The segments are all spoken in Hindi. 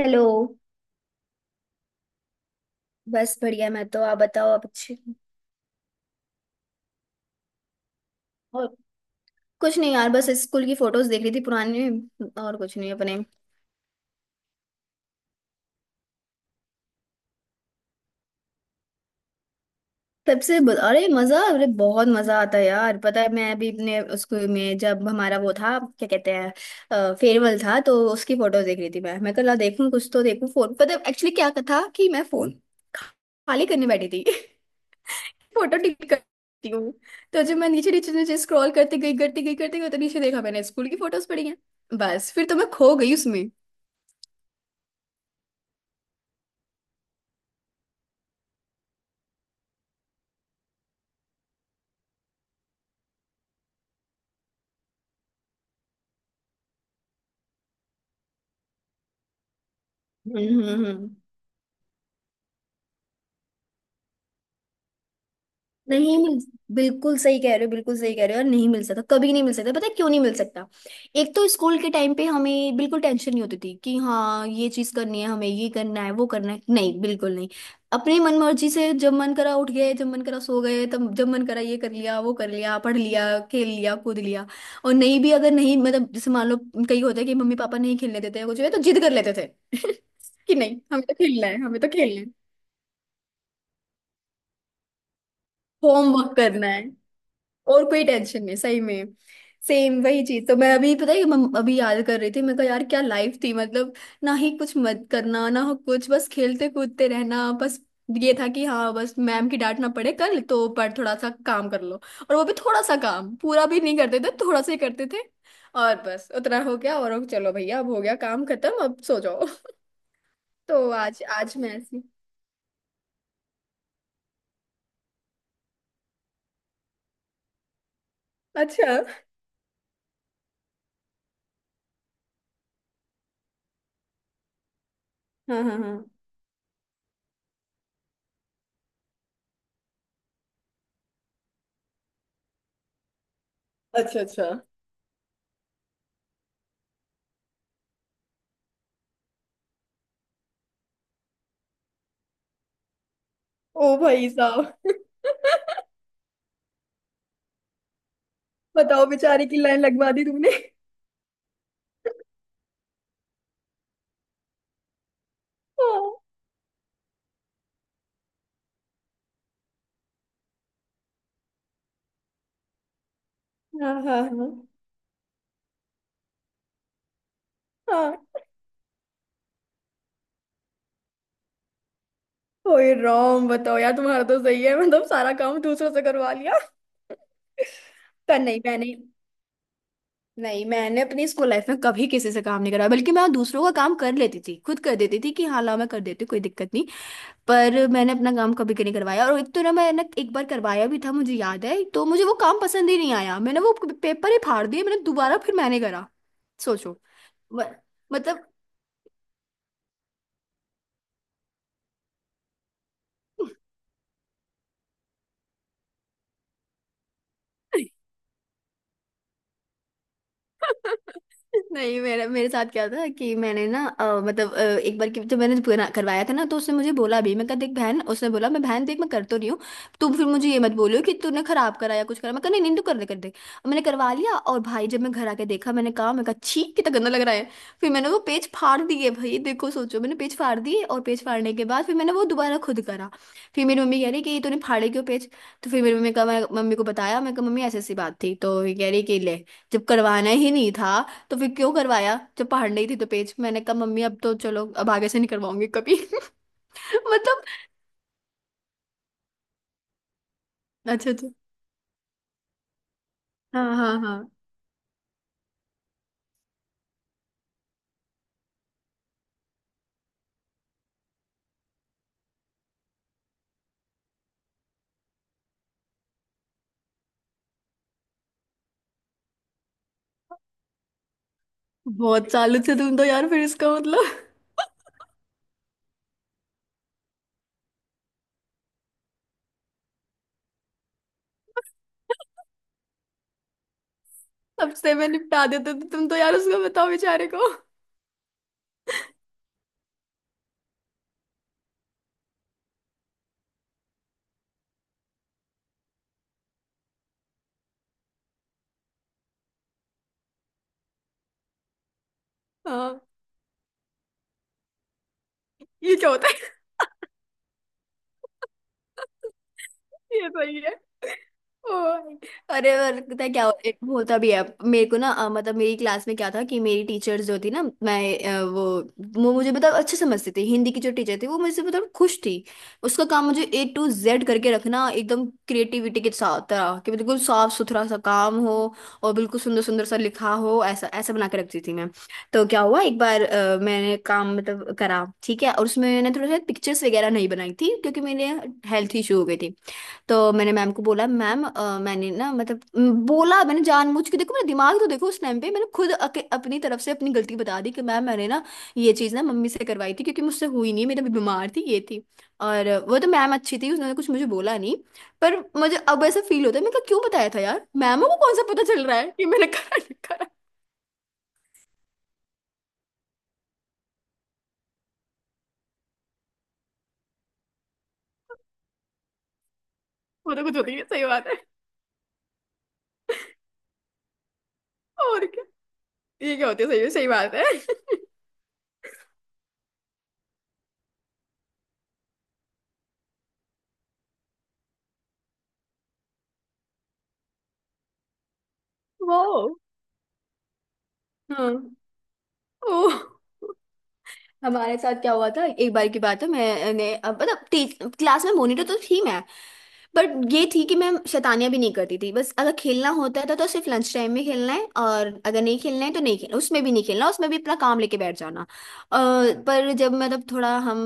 हेलो। बस बढ़िया मैं तो, आप बताओ, आप अच्छे हो? और कुछ नहीं यार, बस स्कूल की फोटोज देख रही थी पुरानी, और कुछ नहीं अपने। तब से अरे मजा, अरे बहुत मजा आता है यार। पता है, मैं अभी अपने स्कूल में जब हमारा वो था, क्या कहते हैं, फेयरवेल था, तो उसकी फोटोज देख रही थी। मैं कल देखूं कुछ, तो देखूं फोन। पता है एक्चुअली क्या था कि मैं फोन खाली करने बैठी थी फोटो टिक करती हूँ। तो जब मैं नीचे नीचे नीचे स्क्रॉल करते गई करती गई करती गई, तो नीचे देखा मैंने, स्कूल की फोटोज पड़ी हैं। बस फिर तो मैं खो गई उसमें। हम्म हम्म, हम्म। नहीं मिल। बिल्कुल सही कह रहे हो, बिल्कुल सही कह रहे हो। और नहीं मिल सकता, कभी नहीं मिल सकता। पता है क्यों नहीं मिल सकता? एक तो स्कूल के टाइम पे हमें बिल्कुल टेंशन नहीं होती थी कि हाँ ये चीज करनी है, हमें ये करना है, वो करना है। नहीं, बिल्कुल नहीं। अपनी मन मर्जी से, जब मन करा उठ गए, जब मन करा सो गए, तब जब मन करा ये कर लिया, वो कर लिया, पढ़ लिया, खेल लिया, कूद लिया। और नहीं भी, अगर नहीं, मतलब जैसे मान लो, कई होता है कि मम्मी पापा नहीं खेलने देते हैं कुछ भी, तो जिद कर लेते थे कि नहीं, हमें तो खेलना है, हमें तो खेलना है। होमवर्क करना है, और कोई टेंशन नहीं, सही में। सेम वही चीज तो मैं अभी, पता है कि मैं अभी याद कर रही थी, मैं कहा यार क्या लाइफ थी मतलब। ना ही कुछ मत करना, ना हो कुछ, बस खेलते कूदते रहना, बस ये था कि हाँ बस मैम की डांट ना पड़े कल, तो पर थोड़ा सा काम कर लो। और वो भी थोड़ा सा काम पूरा भी नहीं करते थे, थोड़ा सा ही करते थे। और बस उतना हो गया, और अब चलो भैया अब हो गया काम खत्म, अब सो जाओ तो आज आज मैं ऐसी। अच्छा। हाँ हाँ हाँ। अच्छा अच्छा। ओ भाई साहब। बताओ बेचारे की लाइन लगवा दी तुमने। हाँ। हाँ हाँ हाँ। ओए राम, बताओ यार, तुम्हारा तो सही है, मतलब सारा काम दूसरों से करवा लिया। पर नहीं मैंने। नहीं, मैंने अपनी स्कूल लाइफ में कभी किसी से काम नहीं कराया, बल्कि मैं दूसरों का काम कर लेती थी, खुद कर देती थी कि हाँ लाओ मैं कर देती हूँ, कोई दिक्कत नहीं। पर मैंने अपना काम कभी नहीं करवाया, और एक तो ना, मैं ना एक बार करवाया भी था, मुझे याद है, तो मुझे वो काम पसंद ही नहीं आया, मैंने वो पेपर ही फाड़ दिए, मैंने दोबारा फिर मैंने करा, सोचो। म- मतलब नहीं मेरा, मेरे साथ क्या था कि मैंने ना मतलब एक बार की जब मैंने बना करवाया था ना, तो उसने मुझे बोला भी, मैं कहा देख बहन, उसने बोला मैं बहन देख, मैं कर तो रही हूँ, तुम फिर मुझे ये मत बोलियो कि तूने खराब करा या कुछ करा। मैं कहा नहीं नहीं, तू कर दे, कर दे। और मैंने करवा लिया, और भाई जब मैं घर आके देखा, मैंने कहा, मैं कहा छी, कितना गंदा लग रहा है। फिर मैंने वो पेज फाड़ दिए। भाई देखो सोचो, मैंने पेज फाड़ दिए, और पेज फाड़ने के बाद फिर मैंने वो दोबारा खुद करा। फिर मेरी मम्मी कह रही कि तूने फाड़े क्यों पेज। तो फिर मेरी मम्मी का, मैं मम्मी को बताया, मैं कहा मम्मी ऐसी ऐसी बात थी, तो ये कह रही कि ले, जब करवाना ही नहीं था तो फिर क्यों करवाया, जब पहाड़ नहीं थी तो पेज। मैंने कहा मम्मी अब तो चलो, अब आगे से नहीं करवाऊंगी कभी मतलब। अच्छा अच्छा। हाँ हाँ हाँ। बहुत सालों से तुम तो यार, फिर इसका मतलब अब से मैं निपटा देते, तो तुम तो यार, उसको बताओ बेचारे को। हाँ। ये क्या होता है। ये सही है। ओ भाई। अरे और पता है क्या, एक होता भी है मेरे को ना, मतलब मेरी क्लास में क्या था कि मेरी टीचर्स जो थी ना मैं, अ, वो वो मुझे मतलब अच्छे समझती थी। हिंदी की जो टीचर थी वो मुझसे मतलब खुश थी। उसका काम मुझे A to Z करके रखना, एकदम क्रिएटिविटी के साथ तरह कि बिल्कुल साफ सुथरा सा काम हो, और बिल्कुल सुंदर सुंदर सा लिखा हो। ऐसा ऐसा बना के रखती थी मैं। तो क्या हुआ एक बार मैंने काम, मतलब करा ठीक है, और उसमें मैंने थोड़ा सा पिक्चर्स वगैरह नहीं बनाई थी क्योंकि मेरे हेल्थ इशू हो गए थे। तो मैंने मैम को बोला, मैम मैंने ना, मतलब बोला मैंने जानबूझ के, देखो मेरा दिमाग तो देखो, उस टाइम पे मैंने खुद अपनी तरफ से अपनी गलती बता दी कि मैम मैंने ना ये चीज़ ना मम्मी से करवाई थी, क्योंकि मुझसे हुई नहीं, मेरी बीमार थी ये थी। और वो तो मैम अच्छी थी, उसने कुछ मुझे बोला नहीं। पर मुझे अब ऐसा फील होता है, मैं क्यों बताया था यार, मैमों को कौन सा पता चल रहा है कि मैंने करा नहीं करा। वो तो कुछ होती है, सही बात है। और क्या। ये क्या होती है, सही सही बात है। वो। हाँ। ओ। हमारे साथ क्या हुआ था, एक बार की बात है, मैंने अब मतलब, टीच क्लास में मॉनिटर तो थी मैं, बट ये थी कि मैं शैतानियां भी नहीं करती थी, बस अगर खेलना होता था तो सिर्फ लंच टाइम में खेलना है, और अगर नहीं खेलना है तो नहीं खेलना, उसमें भी नहीं खेलना, उसमें भी अपना काम लेके बैठ जाना। अ, पर जब मतलब थोड़ा हम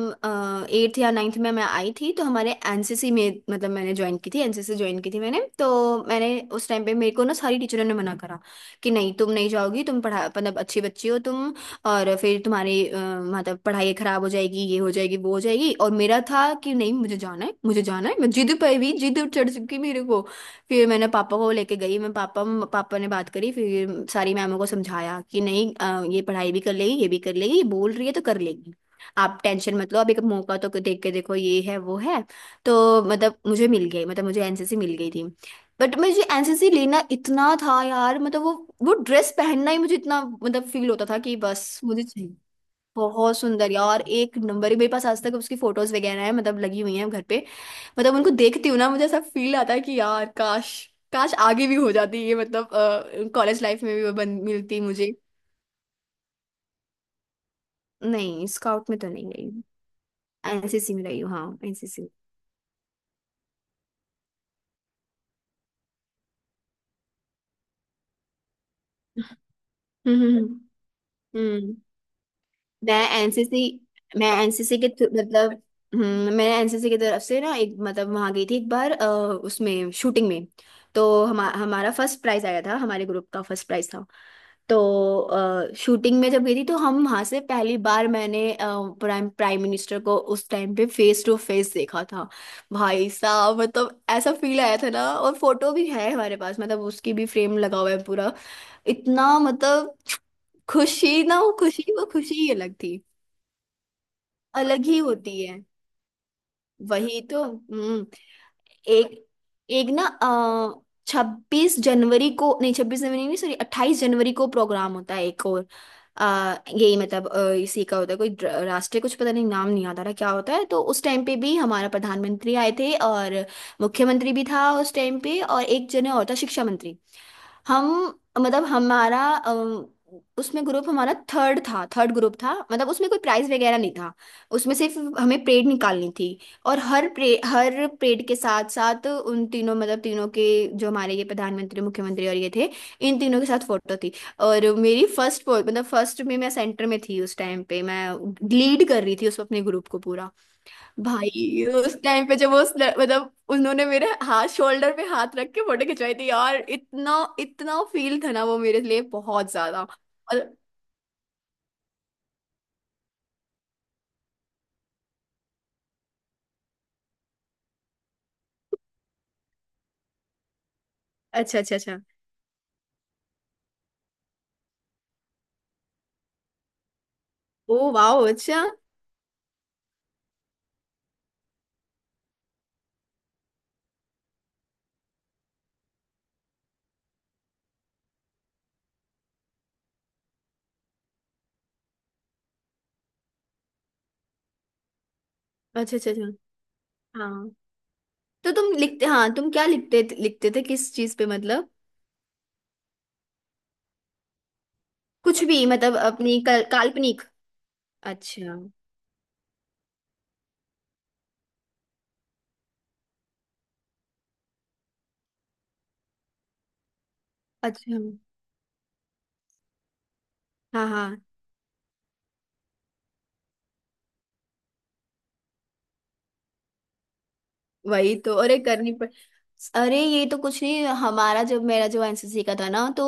एट्थ या नाइन्थ में मैं आई थी, तो हमारे एनसीसी में, मतलब मैंने ज्वाइन की थी, एनसीसी ज्वाइन की थी मैंने। तो मैंने उस टाइम पे, मेरे को ना सारी टीचरों ने मना करा कि नहीं तुम नहीं जाओगी, तुम पढ़ा, मतलब अच्छी बच्ची हो तुम, और फिर तुम्हारी मतलब पढ़ाई खराब हो जाएगी, ये हो जाएगी, वो हो जाएगी। और मेरा था कि नहीं मुझे जाना है, मुझे जाना है, मैं जिद पर भी जिद चढ़ चुकी मेरे को। फिर मैंने पापा को लेके गई मैं। पापा, पापा ने बात करी, फिर सारी मैमों को समझाया कि नहीं ये पढ़ाई भी कर लेगी, ये भी कर लेगी, बोल रही है तो कर लेगी, आप टेंशन मत लो, अब एक मौका तो देख के देखो, ये है वो है। तो मतलब मुझे मिल गई, मतलब मुझे एनसीसी मिल गई थी। बट मुझे एनसीसी लेना इतना था यार, मतलब वो ड्रेस पहनना ही मुझे इतना मतलब फील होता था कि बस मुझे चाहिए। बहुत सुंदर यार, एक नंबर। ही मेरे पास आज तक उसकी फोटोज वगैरह है, मतलब लगी हुई हैं घर पे। मतलब उनको देखती हूँ ना, मुझे ऐसा फील आता है कि यार काश, काश आगे भी हो जाती ये, मतलब कॉलेज लाइफ में भी वो बन मिलती मुझे। नहीं, स्काउट में तो नहीं गई। एनसीसी में रही हूँ, हाँ एनसीसी। हम्म हम्म हम्म। मैं एनसीसी, मतलब, मैं एनसीसी की तरफ से ना, एक मतलब वहां गई थी एक बार, उसमें शूटिंग में। तो हमारा फर्स्ट प्राइज आया था, हमारे ग्रुप का फर्स्ट प्राइज था। तो शूटिंग में जब गई थी, तो हम वहां से पहली बार मैंने प्राइम प्राइम मिनिस्टर को उस टाइम पे फेस टू फेस देखा था। भाई साहब, मतलब ऐसा फील आया था ना, और फोटो भी है हमारे पास, मतलब उसकी भी फ्रेम लगा हुआ है पूरा। इतना मतलब खुशी ना, वो खुशी, वो खुशी ही अलग थी। अलग ही होती है। वही तो। हम्म। एक। एक ना 26 जनवरी को, नहीं 26 जनवरी नहीं, सॉरी 28 जनवरी को प्रोग्राम होता है एक और, यही, मतलब इसी का होता है कोई राष्ट्रीय कुछ, पता नहीं नाम नहीं याद आ रहा क्या होता है। तो उस टाइम पे भी हमारा प्रधानमंत्री आए थे, और मुख्यमंत्री भी था उस टाइम पे, और एक जने और था शिक्षा मंत्री। हम, मतलब हमारा उसमें ग्रुप हमारा थर्ड था, थर्ड ग्रुप था, मतलब उसमें कोई प्राइज वगैरह नहीं था। उसमें सिर्फ हमें परेड निकालनी थी, और हर प्रे हर परेड के साथ साथ उन तीनों, मतलब तीनों के, जो हमारे ये प्रधानमंत्री मुख्यमंत्री और ये थे, इन तीनों के साथ फोटो थी। और मेरी फर्स्ट, मतलब फर्स्ट में मैं सेंटर में थी उस टाइम पे, मैं लीड कर रही थी उस, अपने ग्रुप को पूरा। भाई उस टाइम पे जब वो उस मतलब उन्होंने मेरे हाथ शोल्डर पे हाथ रख के फोटो खिंचवाई थी यार, इतना इतना फील था ना वो मेरे लिए, बहुत ज्यादा। और अच्छा अच्छा अच्छा। ओ वाओ, अच्छा। अच्छा अच्छा अच्छा। हाँ, तो तुम लिखते, हाँ तुम क्या लिखते, लिखते थे किस चीज पे मतलब। कुछ भी मतलब, अपनी काल्पनिक। अच्छा। अच्छा। हाँ हाँ। वही तो। अरे करनी पड़। अरे ये तो कुछ नहीं, हमारा जब, मेरा जो एनसीसी का था ना, तो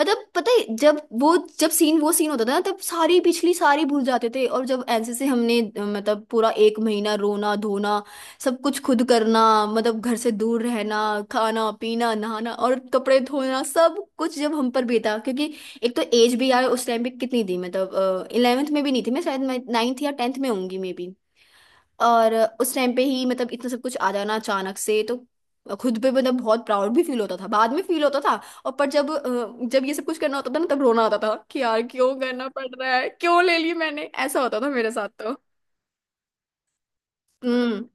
मतलब पता है जब वो जब सीन वो सीन होता था ना, तब सारी पिछली सारी भूल जाते थे। और जब एनसीसी हमने मतलब पूरा एक महीना रोना धोना, सब कुछ खुद करना, मतलब घर से दूर रहना, खाना पीना नहाना और कपड़े धोना सब कुछ जब हम पर बीता। क्योंकि एक तो एज भी यार उस टाइम पे कितनी थी, मतलब इलेवेंथ में भी नहीं थी मैं, शायद मैं नाइन्थ या टेंथ में होंगी मे। और उस टाइम पे ही मतलब इतना सब कुछ आ जाना अचानक से, तो खुद पे मतलब बहुत प्राउड भी फील होता था, बाद में फील होता था। और पर जब जब ये सब कुछ करना होता था ना, तब रोना आता था कि यार क्यों करना पड़ रहा है, क्यों ले ली मैंने। ऐसा होता था मेरे साथ तो। हम्म।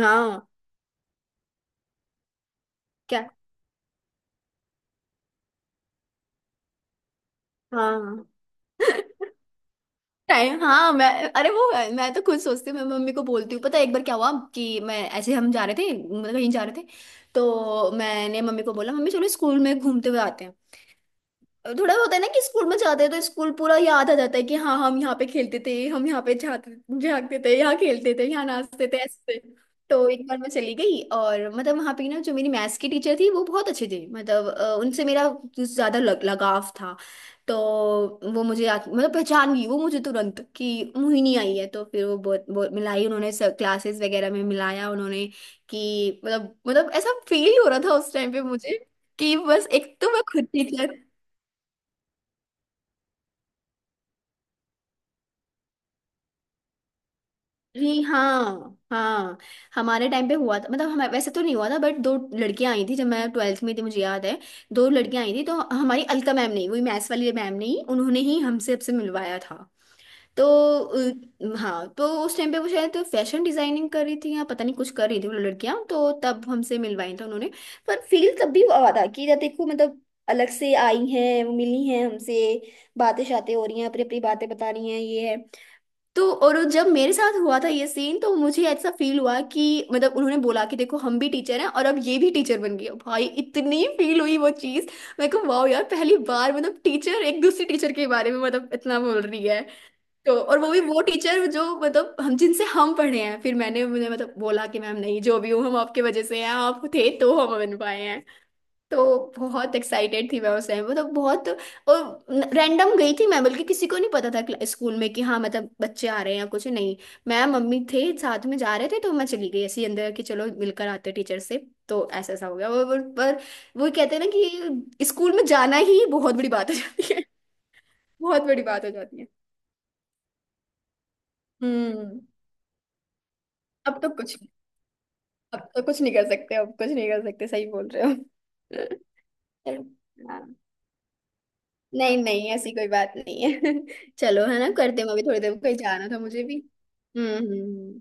हाँ। क्या। हाँ। टाइम, हाँ मैं, अरे वो, मैं तो खुद सोचती हूँ। मैं मम्मी को बोलती हूँ, पता है एक बार क्या हुआ कि मैं ऐसे हम जा रहे थे, मतलब कहीं जा रहे थे। तो मैंने मम्मी को बोला, मम्मी चलो स्कूल में घूमते हुए आते हैं। थोड़ा होता है ना कि स्कूल में जाते हैं तो स्कूल पूरा याद आ जाता है कि हाँ हम यहाँ पे खेलते थे, हम यहाँ पे जाते जागते थे, यहाँ खेलते थे, यहाँ नाचते थे, ऐसे थे। तो एक बार मैं चली गई, और मतलब वहाँ पे ना जो मेरी मैथ्स की टीचर थी वो बहुत अच्छी थी, मतलब उनसे मेरा कुछ ज्यादा लगाव था। तो वो मुझे मतलब पहचान गई वो मुझे तुरंत कि मोहिनी आई है। तो फिर वो बहुत बहुत मिलाई उन्होंने, क्लासेस वगैरह में मिलाया उन्होंने। कि मतलब ऐसा फील हो रहा था उस टाइम पे मुझे कि बस एक तो मैं खुद टीचर। जी हाँ हाँ, हमारे टाइम पे हुआ था, मतलब हमें वैसे तो नहीं हुआ था, बट दो लड़कियां आई थी जब मैं ट्वेल्थ में थी, मुझे याद है। दो लड़कियां आई थी तो हमारी अलका मैम ने, वही मैथ्स वाली मैम ने ही, उन्होंने ही हमसे सबसे मिलवाया था। तो हाँ तो उस टाइम पे वो शायद फैशन डिजाइनिंग कर रही थी या पता नहीं कुछ कर रही थी वो लड़कियां, तो तब हमसे मिलवाई था उन्होंने। पर फील तब भी हुआ था कि जब देखो, मतलब अलग से आई हैं, वो मिली हैं हमसे, बातें शातें हो रही हैं, अपनी अपनी बातें बता रही हैं, ये है। तो और वो जब मेरे साथ हुआ था ये सीन, तो मुझे ऐसा फील हुआ कि मतलब उन्होंने बोला कि देखो हम भी टीचर हैं और अब ये भी टीचर बन गई है। भाई इतनी फील हुई वो चीज, मैं को वाह यार, पहली बार मतलब टीचर एक दूसरे टीचर के बारे में मतलब इतना बोल रही है। तो और वो भी वो टीचर जो मतलब हम जिनसे हम पढ़े हैं। फिर मैंने मुझे मतलब बोला कि मैम नहीं, जो भी हूँ हम आपके वजह से हैं, आप थे तो हम बन पाए हैं। तो बहुत एक्साइटेड थी मैं उस टाइम, मतलब बहुत। और रैंडम गई थी मैं, बल्कि किसी को नहीं पता था स्कूल में कि हाँ मतलब बच्चे आ रहे हैं या कुछ नहीं। मैं मम्मी थे साथ में जा रहे थे, तो मैं चली गई ऐसे ही अंदर कि चलो मिलकर आते टीचर से। तो ऐसा ऐसा हो गया और पर वो कहते हैं ना कि स्कूल में जाना ही बहुत बड़ी बात हो जाती है। बहुत बड़ी बात हो जाती है। हम्म। अब तो कुछ, अब तो कुछ नहीं कर सकते, अब कुछ नहीं कर सकते, सही बोल रहे हो। चलो, हाँ। नहीं नहीं, ऐसी कोई बात नहीं है। चलो है ना, करते हैं, मैं भी थोड़ी देर में कहीं जाना था मुझे भी। हम्म हम्म हम्म।